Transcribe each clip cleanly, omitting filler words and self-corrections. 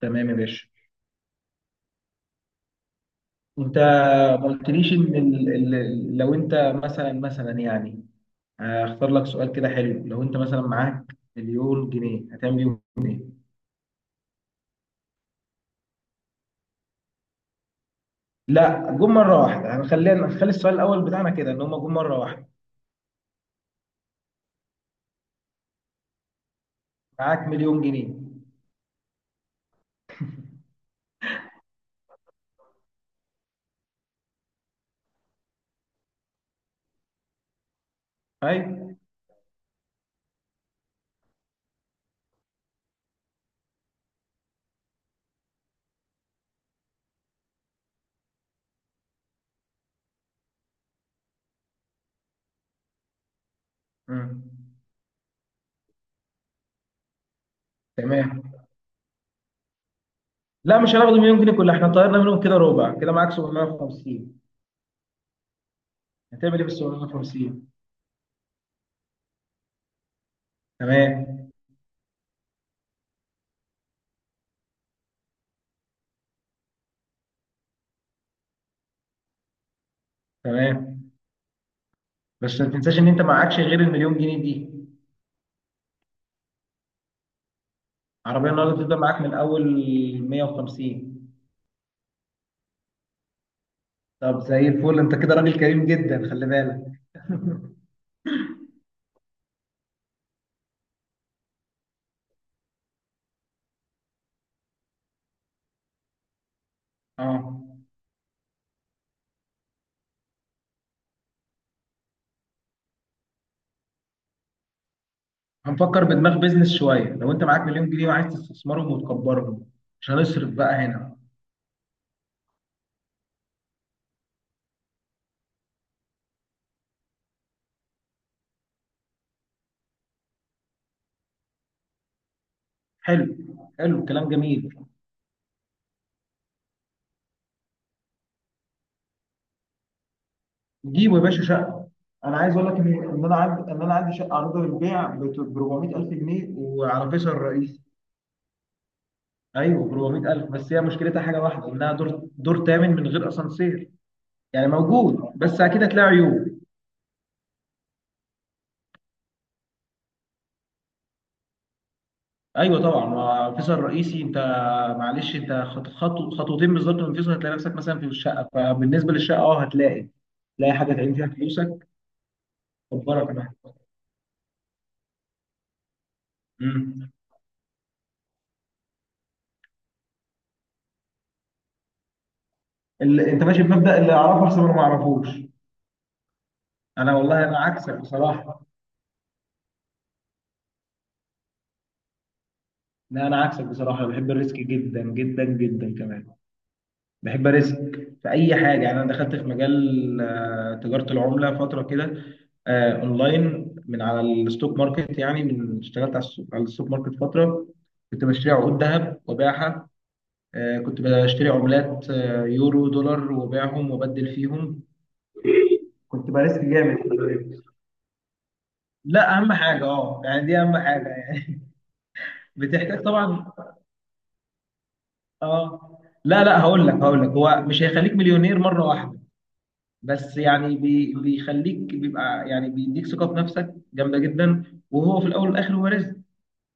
تمام يا باشا. انت ما قلتليش ان لو انت مثلا يعني هختار لك سؤال كده حلو. لو انت مثلا معاك مليون جنيه، هتعمل بيهم ايه؟ لا، جم مره واحده. هنخلينا نخلي السؤال الاول بتاعنا كده ان هم جم مره واحده. معاك مليون جنيه. طيب. مم. تمام. لا، مش هناخد مليون جنيه كلها. احنا طيرنا منهم كده ربع. كده معاك 750. هتعمل ايه بال 750؟ تمام، تمام. بس ما تنساش ان انت معكش غير المليون جنيه دي. عربية النهاردة بتبدأ معاك من أول 150. طب زي الفل، انت كده راجل كريم جدا، خلي بالك. اه. هنفكر بدماغ بيزنس شوية. لو أنت معاك مليون جنيه وعايز تستثمرهم وتكبرهم، مش هنصرف بقى هنا. حلو، حلو، كلام جميل. جيبوا يا باشا شقة. انا عايز اقول لك ان انا عندي شقه عروضه للبيع ب 400000 جنيه وعلى فيصل الرئيسي. أيوه، ب 400000، بس هي مشكلتها حاجة واحدة إنها دور تامن من غير أسانسير. يعني موجود، بس أكيد هتلاقي عيوب. ايوه طبعا، ما فيصل رئيسي انت. معلش، انت خطوتين بالظبط من فيصل هتلاقي نفسك مثلا في الشقه. فبالنسبه للشقه، اه، تلاقي حاجه تعين فيها فلوسك تكبرك بقى. امم. انت ماشي بمبدا اللي اعرفه احسن من اللي ما اعرفوش. انا والله انا عكسك بصراحه. لا، انا عكسك بصراحه، أنا بحب الريسك جدا جدا جدا كمان. بحب ارزق في اي حاجه. يعني انا دخلت في مجال تجاره العمله فتره كده. اونلاين من على الستوك ماركت. يعني من اشتغلت على الستوك ماركت فتره، كنت بشتري عقود ذهب وباعها. كنت بشتري عملات، يورو دولار، وباعهم وبدل فيهم. كنت برزق جامد. لا، اهم حاجه، يعني دي اهم حاجه يعني. بتحتاج طبعا. اه. لا، لا، هقول لك هو مش هيخليك مليونير مره واحده. بس يعني، بيخليك بيبقى يعني بيديك ثقة في نفسك جامدة جدا. وهو في الأول والآخر هو رزق.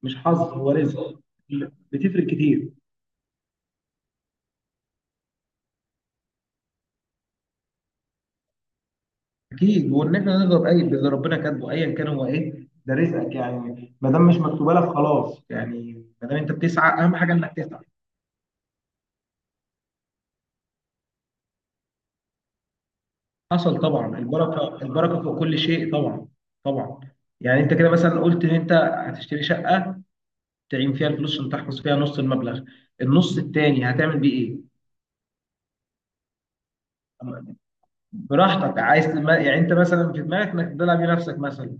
مش حظ، هو رزق. بتفرق كتير. أكيد. وإن إحنا نرضى باللي ربنا كاتبه أيا كان هو إيه. ده رزقك يعني. ما دام مش مكتوبة لك، خلاص يعني. ما دام أنت بتسعى، أهم حاجة إنك تسعى. حصل طبعا. البركة البركة فوق كل شيء طبعا. طبعا. يعني أنت كده مثلا قلت إن أنت هتشتري شقة تعين فيها الفلوس عشان تحفظ فيها نص المبلغ. النص التاني هتعمل بيه إيه؟ براحتك. عايز يعني انت مثلا في دماغك انك تلعب بنفسك مثلا.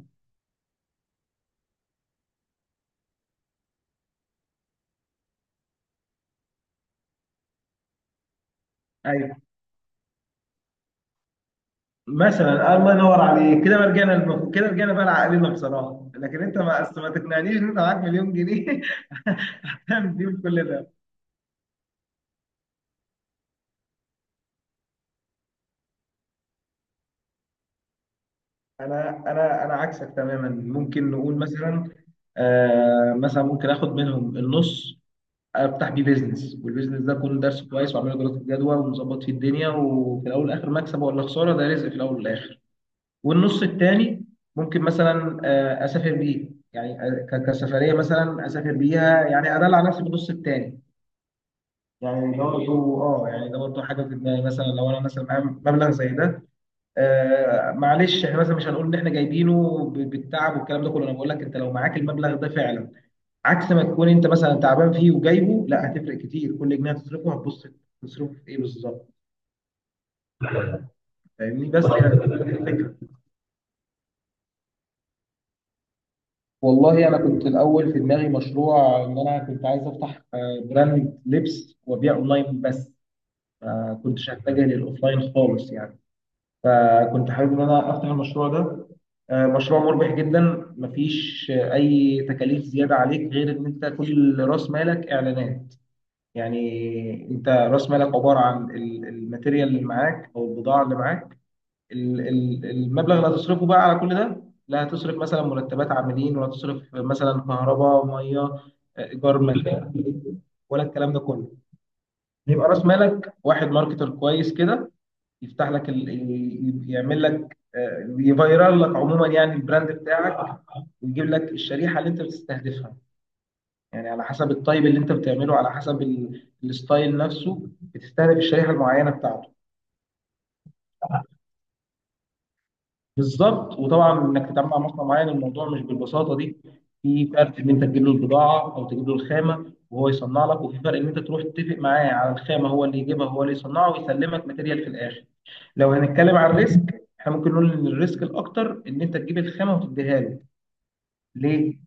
ايوه. مثلا الله ينور عليك. كده رجعنا بقى لعقلنا بصراحه. لكن انت، ما أصل ما تقنعنيش ان انت معاك مليون جنيه. تعمل بيهم كل ده. انا عكسك تماما. ممكن نقول مثلا، مثلا ممكن اخد منهم النص، افتح بيه بيزنس. والبيزنس ده اكون درسه كويس واعمله دراسه جدوى ومظبط فيه الدنيا. وفي الاول والاخر مكسب ولا خساره، ده رزق في الاول والاخر. والنص الثاني ممكن مثلا اسافر بيه. يعني كسفريه مثلا اسافر بيها. يعني ادلع على نفسي بالنص الثاني. يعني ده برضه حاجه في دماغي مثلا لو انا مثلا معايا مبلغ زي ده. معلش، احنا مثلا مش هنقول ان احنا جايبينه بالتعب والكلام ده كله. انا بقول لك انت لو معاك المبلغ ده فعلا عكس ما تكون انت مثلا تعبان فيه وجايبه، لا، هتفرق كتير. كل جنيه هتصرفه هتبص تصرفه في ايه بالظبط. فاهمني بس يعني. والله انا كنت الاول في دماغي مشروع ان انا كنت عايز افتح براند لبس وابيع اونلاين بس. ما كنتش هتجه للاوفلاين خالص يعني. فكنت حابب ان انا افتح المشروع ده. مشروع مربح جدا. مفيش اي تكاليف زياده عليك غير ان انت كل راس مالك اعلانات. يعني انت راس مالك عباره عن الماتيريال اللي معاك او البضاعه اللي معاك. المبلغ اللي هتصرفه بقى على كل ده، لا هتصرف مثلا مرتبات عاملين ولا تصرف مثلا كهرباء ميه ايجار مكان ولا الكلام ده كله. يبقى راس مالك واحد ماركتر كويس كده يفتح لك يعمل لك، يفيرال لك عموما يعني البراند بتاعك، ويجيب لك الشريحه اللي انت بتستهدفها. يعني على حسب الطيب اللي انت بتعمله، على حسب الستايل نفسه، بتستهدف الشريحه المعينه بتاعته. بالظبط. وطبعا انك تتعامل مع مصنع معين، الموضوع مش بالبساطه دي. في فرق ان انت تجيب له البضاعه، او تجيب له الخامه وهو يصنع لك. وفي فرق ان انت تروح تتفق معاه على الخامه، هو اللي يجيبها، هو اللي يصنعها ويسلمك ماتيريال في الاخر. لو هنتكلم عن الريسك، احنا ممكن نقول ان الريسك الاكتر ان انت تجيب الخامه وتديها له. ليه؟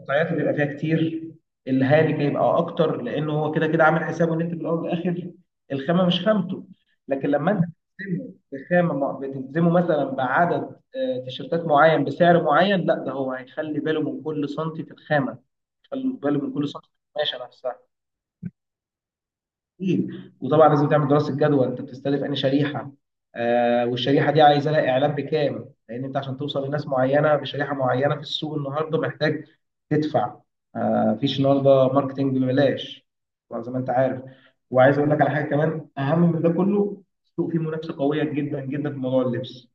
قطعياته بيبقى فيها كتير. الهالك هيبقى اكتر، لانه هو كده كده عامل حسابه ان انت في الاول والاخر الخامه مش خامته. لكن لما انت بتلزمه بخامه، بتلزمه مثلا بعدد تيشيرتات معين بسعر معين، لا، ده هو هيخلي باله من كل سنتي في الخامه. يخلي باله من كل سنتي في القماشه نفسها. أكيد. وطبعا لازم تعمل دراسه جدوى. انت بتستهدف انهي شريحه؟ والشريحه دي عايزه لها اعلان بكام؟ لان انت عشان توصل لناس معينه بشريحه معينه في السوق النهارده محتاج تدفع. مفيش النهارده ماركتنج ببلاش، طبعا، زي ما انت عارف. وعايز اقول لك على حاجه كمان اهم من ده كله، السوق فيه منافسه قويه جدا جدا في موضوع اللبس.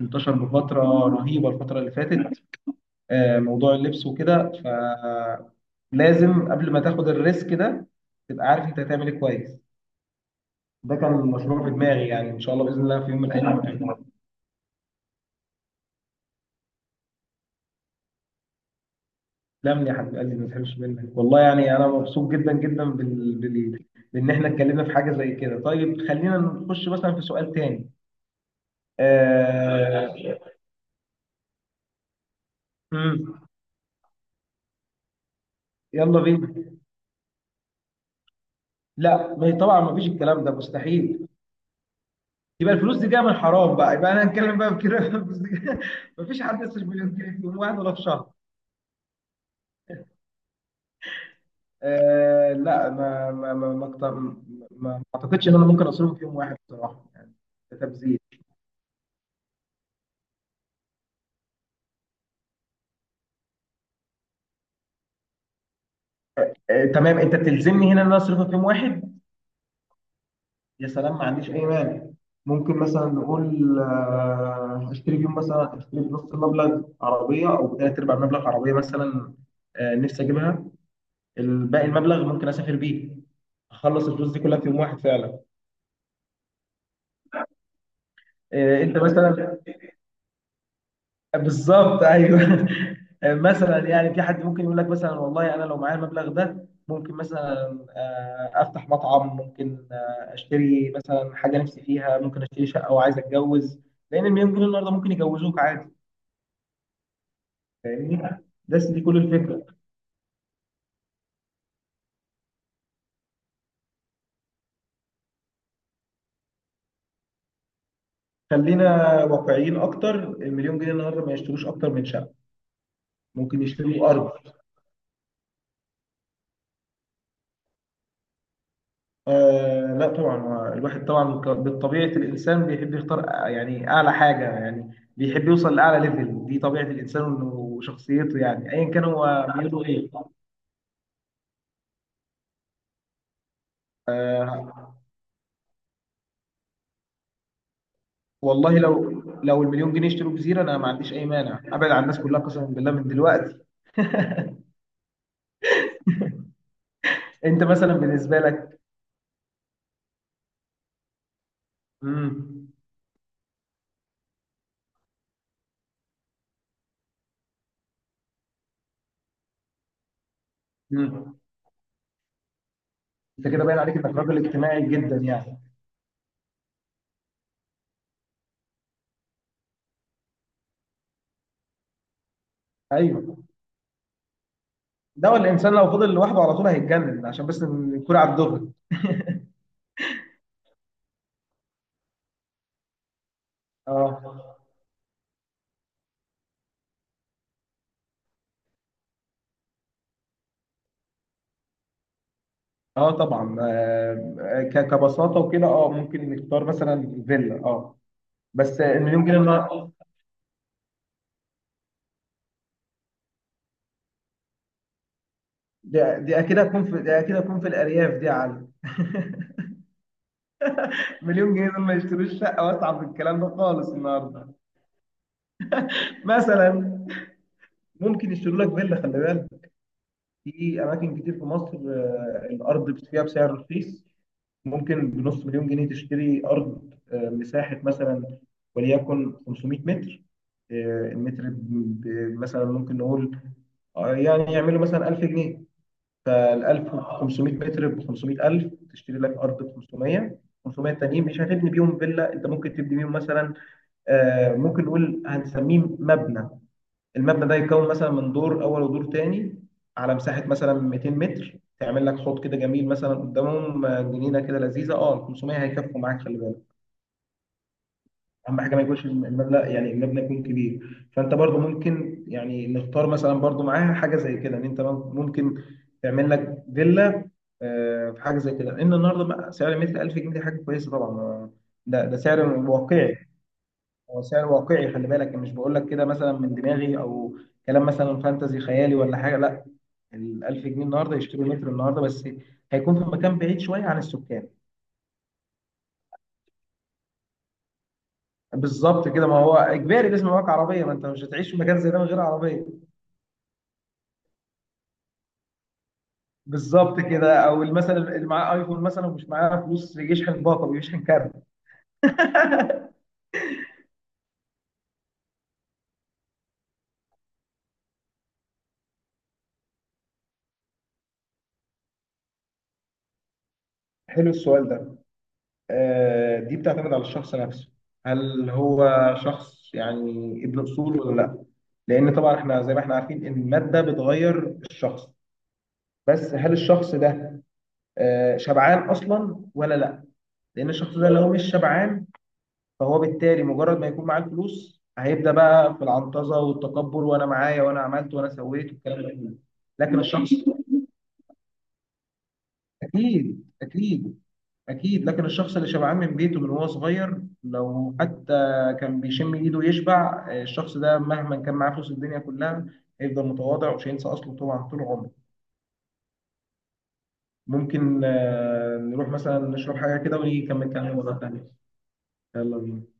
انتشر بفتره رهيبه الفتره اللي فاتت، موضوع اللبس وكده. فلازم قبل ما تاخد الريسك ده تبقى عارف انت هتعمل ايه كويس. ده كان مشروع في دماغي يعني. ان شاء الله باذن الله في يوم من الايام تسلم لي يا حبيب قلبي، ما تحرمش منك والله. يعني انا مبسوط جدا جدا بان احنا اتكلمنا في حاجه زي كده. طيب خلينا نخش مثلا في سؤال تاني. آه... مم. يلا بينا. لا، ما هي طبعا ما فيش الكلام ده مستحيل. يبقى الفلوس دي جايه من الحرام بقى. يبقى انا هنتكلم بقى بكده. الفلوس دي جاية- ما فيش حد يصرف مليون جنيه في يوم واحد ولا في شهر. لا، ما اعتقدش ان انا ممكن اصرفه في يوم واحد بصراحه يعني. ده تبذير. تمام، انت بتلزمني هنا ان انا اصرف في يوم واحد. يا سلام، ما عنديش اي مانع. ممكن مثلا نقول هشتري بيهم مثلا هشتري بنص المبلغ عربيه او بثلاث ارباع المبلغ عربيه مثلا. نفسي اجيبها. الباقي المبلغ ممكن اسافر بيه. اخلص الفلوس دي كلها في يوم واحد فعلا. انت مثلا. بالظبط، ايوه. مثلا يعني، في حد ممكن يقول لك مثلا والله انا لو معايا المبلغ ده ممكن مثلا افتح مطعم. ممكن اشتري مثلا حاجه نفسي فيها. ممكن اشتري شقه وعايز اتجوز، لان المليون جنيه النهارده ممكن يجوزوك عادي. فاهمني. بس دي كل الفكره. خلينا واقعيين اكتر، المليون جنيه النهارده ما يشتروش اكتر من شقه. ممكن يشتروا ارض. لا طبعا. هو الواحد طبعا، بالطبيعة الإنسان بيحب يختار يعني أعلى حاجة يعني. بيحب يوصل لأعلى ليفل. دي طبيعة الإنسان وشخصيته يعني، أيا كان هو ميوله إيه. والله لو المليون جنيه اشتروا جزيرة أنا ما عنديش أي مانع أبعد عن الناس كلها قسما بالله من دلوقتي. أنت مثلا بالنسبة لك. امم. امم. أنت كده باين عليك إنك راجل اجتماعي جدا يعني. أيوه. ده هو الإنسان لو فضل لوحده على طول هيتجنن، عشان بس نكون على الدغري. اه، اه. طبعا كبساطه وكده، ممكن نختار مثلا فيلا، اه. بس المليون جنيه دي اكيد هتكون في الارياف دي يا علي. مليون جنيه دول ما يشتروش شقه واسعه في الكلام ده خالص النهارده. مثلا ممكن يشتروا لك فيلا خلي بالك. في اماكن كتير في مصر الارض فيها بسعر رخيص. ممكن بنص مليون جنيه تشتري ارض، مساحه مثلا وليكن 500 متر. المتر مثلا ممكن نقول يعني يعملوا مثلا 1000 جنيه. فال 1000 ب 500 متر ب 500000 تشتري لك ارض ب 500. 500 تانيين مش هتبني بيهم فيلا، انت ممكن تبني بيهم مثلا ممكن نقول هنسميه مبنى. المبنى ده يتكون مثلا من دور اول ودور تاني على مساحه مثلا 200 متر. تعمل لك حوض كده جميل مثلا قدامهم، جنينه كده لذيذه. اه 500 هيكفوا معاك خلي بالك. اهم حاجه ما يكونش المبنى، يعني المبنى يكون كبير. فانت برضو ممكن يعني نختار مثلا برضو معاها حاجه زي كده ان انت ممكن تعمل لك فيلا. في حاجه زي كده. ان النهارده بقى سعر المتر 1000 جنيه، دي حاجه كويسه طبعا. ده سعر واقعي. هو سعر واقعي خلي بالك. مش بقول لك كده مثلا من دماغي او كلام مثلا فانتزي خيالي ولا حاجه لا. ال 1000 جنيه النهارده يشتروا متر النهارده بس. هيكون في مكان بعيد شويه عن السكان. بالظبط كده، ما هو اجباري لازم يبقى معاك عربيه. ما انت مش هتعيش في مكان زي ده من غير عربيه. بالظبط كده. او مثلا اللي معاه ايفون مثلا ومش معاه فلوس يشحن باقه بيشحن كارت. حلو السؤال ده. دي بتعتمد على الشخص نفسه. هل هو شخص يعني ابن اصول ولا لا؟ لان طبعا احنا زي ما احنا عارفين ان الماده بتغير الشخص. بس هل الشخص ده شبعان اصلا ولا لا؟ لان الشخص ده لو مش شبعان، فهو بالتالي مجرد ما يكون معاه الفلوس هيبدا بقى في العنطزه والتكبر وانا معايا وانا عملت وانا سويت والكلام ده كله. لكن الشخص، اكيد، اكيد، اكيد لكن الشخص اللي شبعان من بيته من وهو صغير لو حتى كان بيشم ايده يشبع، الشخص ده مهما كان معاه فلوس الدنيا كلها هيفضل متواضع ومش هينسى اصله طبعا طول عمره. ممكن نروح مثلا نشرب حاجه كده ونيجي نكمل كلام مره تانيه. يلا بينا.